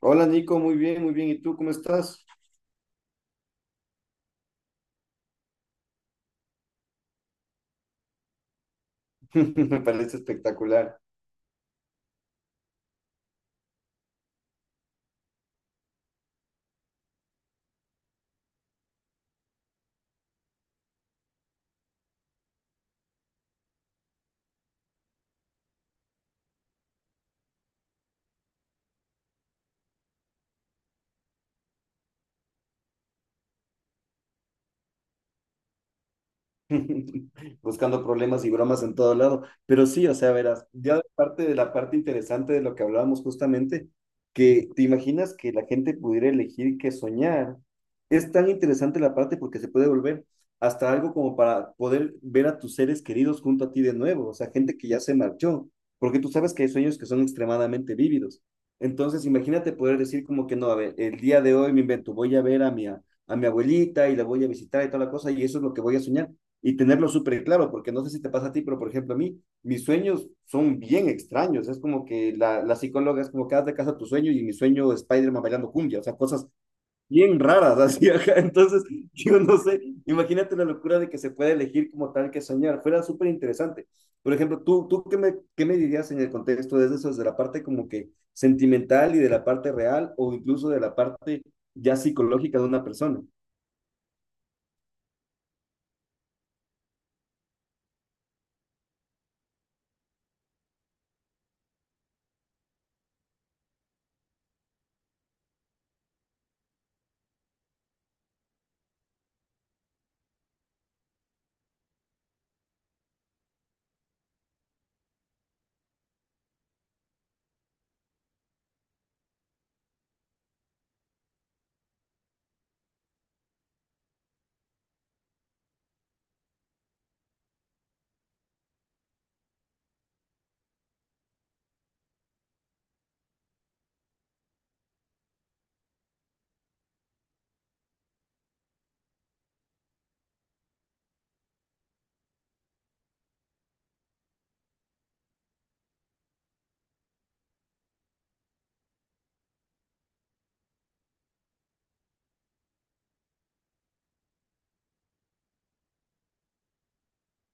Hola Nico, muy bien, muy bien. ¿Y tú cómo estás? Me parece espectacular. Buscando problemas y bromas en todo lado. Pero sí, o sea, verás, ya de parte de la parte interesante de lo que hablábamos justamente, que te imaginas que la gente pudiera elegir qué soñar. Es tan interesante la parte porque se puede volver hasta algo como para poder ver a tus seres queridos junto a ti de nuevo, o sea, gente que ya se marchó, porque tú sabes que hay sueños que son extremadamente vívidos. Entonces, imagínate poder decir como que no, a ver, el día de hoy me invento, voy a ver a mi abuelita y la voy a visitar y toda la cosa, y eso es lo que voy a soñar y tenerlo súper claro, porque no sé si te pasa a ti, pero por ejemplo a mí, mis sueños son bien extraños, es como que la psicóloga es como que haz de casa tu sueño y mi sueño es Spider-Man bailando cumbia, o sea, cosas bien raras así acá, entonces yo no sé, imagínate la locura de que se puede elegir como tal que soñar, fuera súper interesante. Por ejemplo, ¿tú qué me dirías en el contexto de eso, desde la parte como que sentimental y de la parte real o incluso de la parte ya psicológica de una persona?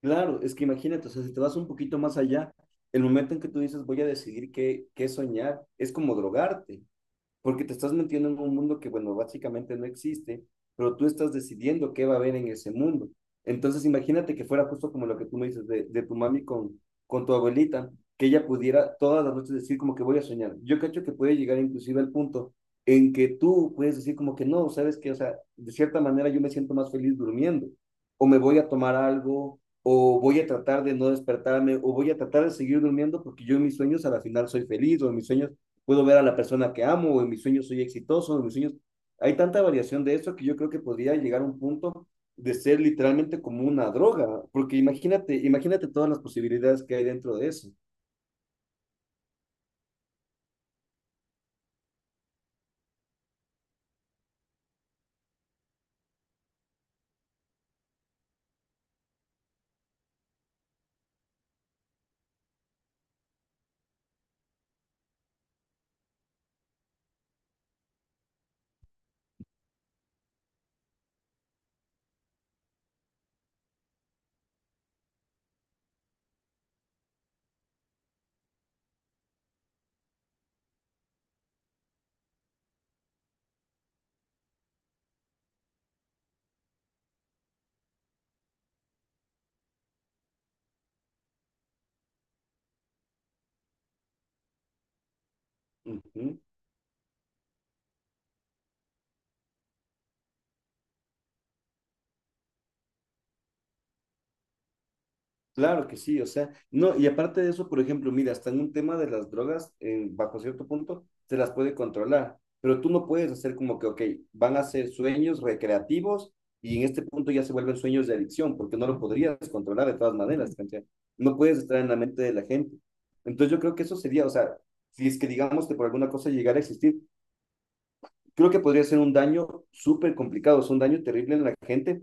Claro, es que imagínate, o sea, si te vas un poquito más allá, el momento en que tú dices voy a decidir qué soñar, es como drogarte porque te estás metiendo en un mundo que, bueno, básicamente no existe, pero tú estás decidiendo qué va a haber en ese mundo. Entonces, imagínate que fuera justo como lo que tú me dices de tu mami con tu abuelita, que ella pudiera todas las noches decir como que voy a soñar. Yo cacho que puede llegar inclusive al punto en que tú puedes decir como que no, sabes que, o sea, de cierta manera yo me siento más feliz durmiendo, o me voy a tomar algo, o voy a tratar de no despertarme, o voy a tratar de seguir durmiendo porque yo en mis sueños a la final soy feliz, o en mis sueños puedo ver a la persona que amo, o en mis sueños soy exitoso, o en mis sueños... Hay tanta variación de eso que yo creo que podría llegar a un punto de ser literalmente como una droga, porque imagínate todas las posibilidades que hay dentro de eso. Uh -huh. Claro que sí, o sea, no, y aparte de eso, por ejemplo, mira, hasta en un tema de las drogas, bajo cierto punto, se las puede controlar, pero tú no puedes hacer como que, ok, van a ser sueños recreativos y en este punto ya se vuelven sueños de adicción, porque no lo podrías controlar de todas maneras, ¿cachai? No puedes estar en la mente de la gente. Entonces yo creo que eso sería, o sea, si es que digamos que por alguna cosa llegara a existir, creo que podría ser un daño súper complicado, es un daño terrible en la gente,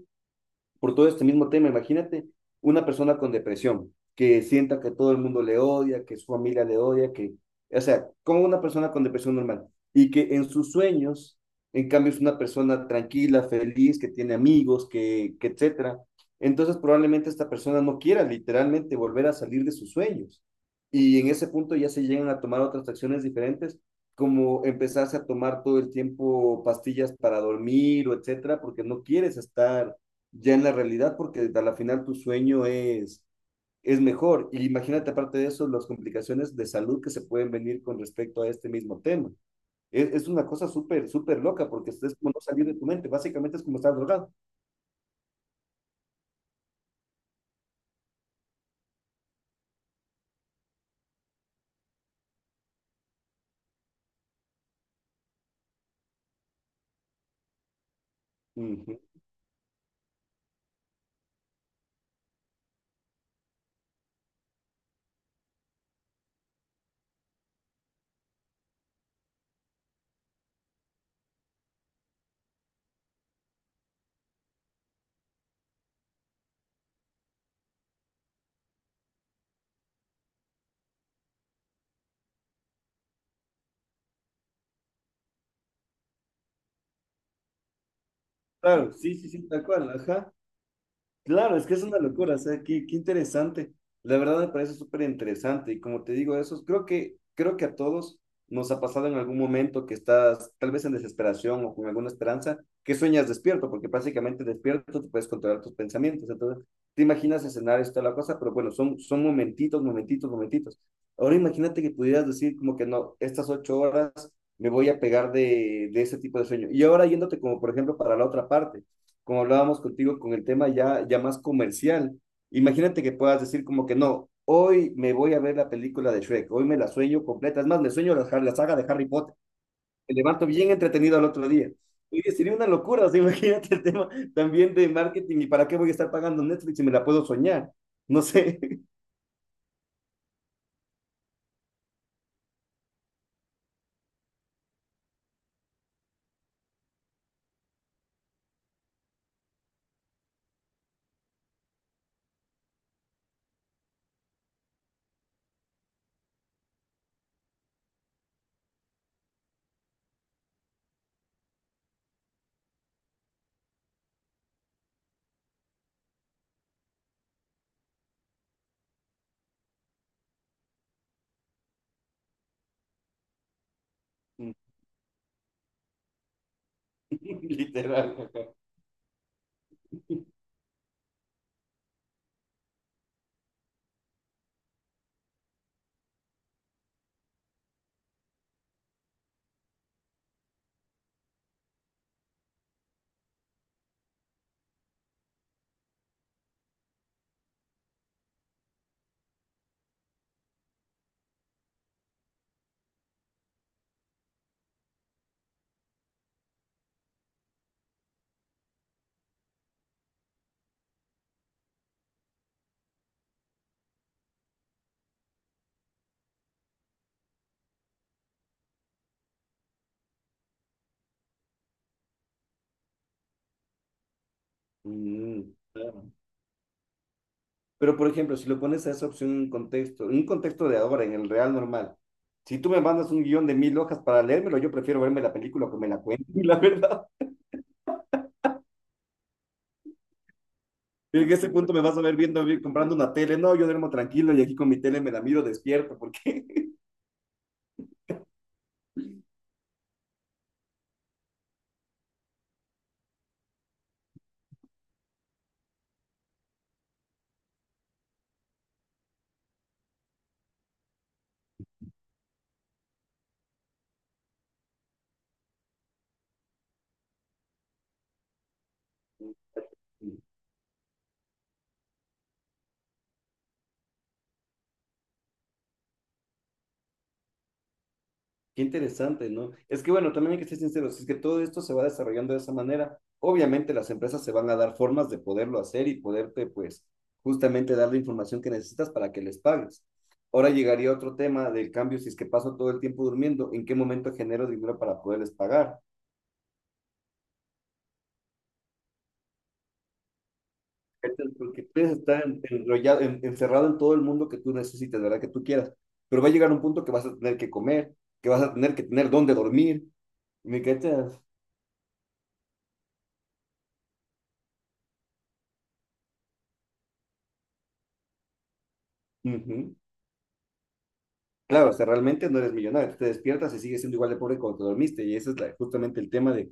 por todo este mismo tema. Imagínate una persona con depresión que sienta que todo el mundo le odia, que su familia le odia, que, o sea, como una persona con depresión normal y que en sus sueños, en cambio, es una persona tranquila, feliz, que tiene amigos, que etcétera. Entonces, probablemente esta persona no quiera literalmente volver a salir de sus sueños. Y en ese punto ya se llegan a tomar otras acciones diferentes, como empezarse a tomar todo el tiempo pastillas para dormir o etcétera, porque no quieres estar ya en la realidad, porque a la final tu sueño es mejor. Y imagínate, aparte de eso, las complicaciones de salud que se pueden venir con respecto a este mismo tema. Es una cosa súper, súper loca, porque es como no salir de tu mente, básicamente es como estar drogado. Ujú. Claro, sí, sí, sí, tal cual, ajá. Claro, es que es una locura, o sea, qué interesante. La verdad me parece súper interesante y como te digo, eso creo creo que a todos nos ha pasado en algún momento que estás tal vez en desesperación o con alguna esperanza, que sueñas despierto, porque básicamente despierto tú puedes controlar tus pensamientos. Entonces, te imaginas escenarios, toda la cosa, pero bueno, son momentitos, momentitos, momentitos. Ahora imagínate que pudieras decir como que no, estas 8 horas me voy a pegar de ese tipo de sueño. Y ahora yéndote como por ejemplo para la otra parte como hablábamos contigo, con el tema ya más comercial. Imagínate que puedas decir como que no, hoy me voy a ver la película de Shrek, hoy me la sueño completa, es más, me sueño la saga de Harry Potter, me levanto bien entretenido al otro día. Y sería una locura, o sea, imagínate el tema también de marketing y para qué voy a estar pagando Netflix si me la puedo soñar. No sé, literal. Mm. Pero, por ejemplo, si lo pones a esa opción en un contexto de ahora, en el real normal, si tú me mandas un guión de 1000 hojas para leérmelo, yo prefiero verme la película que me la cuenten, la verdad. En ese punto me vas a ver viendo, comprando una tele. No, yo duermo tranquilo y aquí con mi tele me la miro despierto, porque qué interesante, ¿no? Es que bueno, también hay que ser sinceros, es que todo esto se va desarrollando de esa manera. Obviamente las empresas se van a dar formas de poderlo hacer y poderte, pues, justamente dar la información que necesitas para que les pagues. Ahora llegaría otro tema del cambio, si es que paso todo el tiempo durmiendo, ¿en qué momento genero dinero para poderles pagar? Entonces, porque puedes estar en- enrollado, en- encerrado en todo el mundo que tú necesites, ¿verdad? Que tú quieras. Pero va a llegar un punto que vas a tener que comer, que vas a tener que tener dónde dormir. ¿Me cachas? Ujú. Claro, o sea, realmente no eres millonario, tú te despiertas y sigues siendo igual de pobre cuando te dormiste, y ese es la- justamente el tema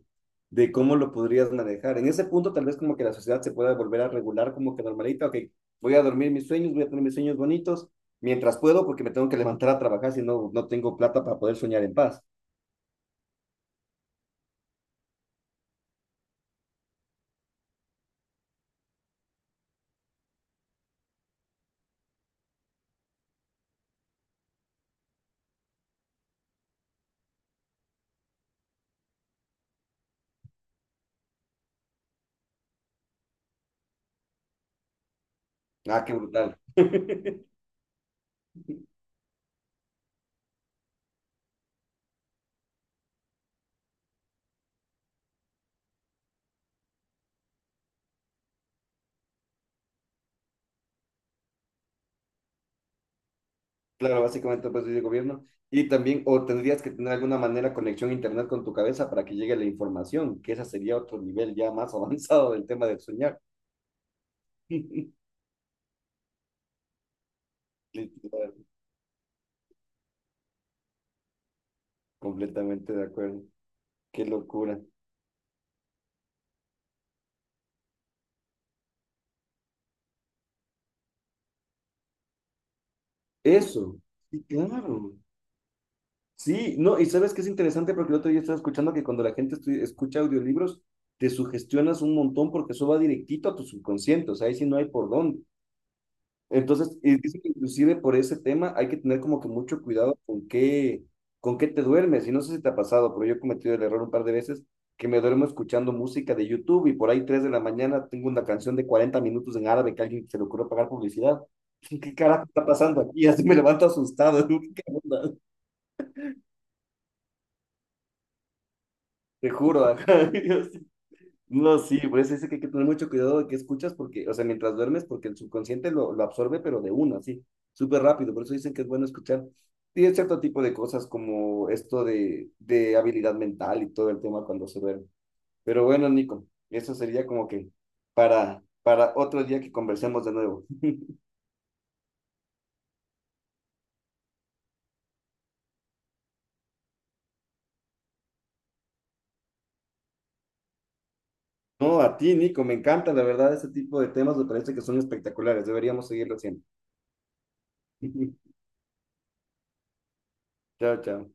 de cómo lo podrías manejar. En ese punto, tal vez como que la sociedad se pueda volver a regular como que normalita, ok, voy a dormir mis sueños, voy a tener mis sueños bonitos, mientras puedo, porque me tengo que levantar a trabajar, si no, no tengo plata para poder soñar en paz. Ah, qué brutal. Claro, básicamente pues de gobierno. Y también, o tendrías que tener alguna manera conexión a internet con tu cabeza para que llegue la información, que esa sería otro nivel ya más avanzado del tema del soñar. Literal, completamente de acuerdo. Qué locura. Eso. Sí, claro. Sí, no, y sabes que es interesante porque el otro día estaba escuchando que cuando la gente estu- escucha audiolibros, te sugestionas un montón porque eso va directito a tu subconsciente, o sea, ahí sí no hay por dónde. Entonces, y dice que inclusive por ese tema hay que tener como que mucho cuidado con qué te duermes. Y no sé si te ha pasado, pero yo he cometido el error un par de veces que me duermo escuchando música de YouTube y por ahí 3 de la mañana tengo una canción de 40 minutos en árabe que a alguien se le ocurrió pagar publicidad. ¿Qué carajo está pasando aquí? Así me levanto asustado. ¿Qué onda? Te juro. Ajá. Dios. No, sí, pues es que hay que tener mucho cuidado de qué escuchas, porque, o sea, mientras duermes, porque el subconsciente lo absorbe, pero de una, sí, súper rápido, por eso dicen que es bueno escuchar. Y hay cierto tipo de cosas como esto de habilidad mental y todo el tema cuando se duerme. Pero bueno, Nico, eso sería como que para otro día que conversemos de nuevo. No, a ti, Nico, me encanta, la verdad, ese tipo de temas me parece que son espectaculares, deberíamos seguirlo haciendo. Chao, chao.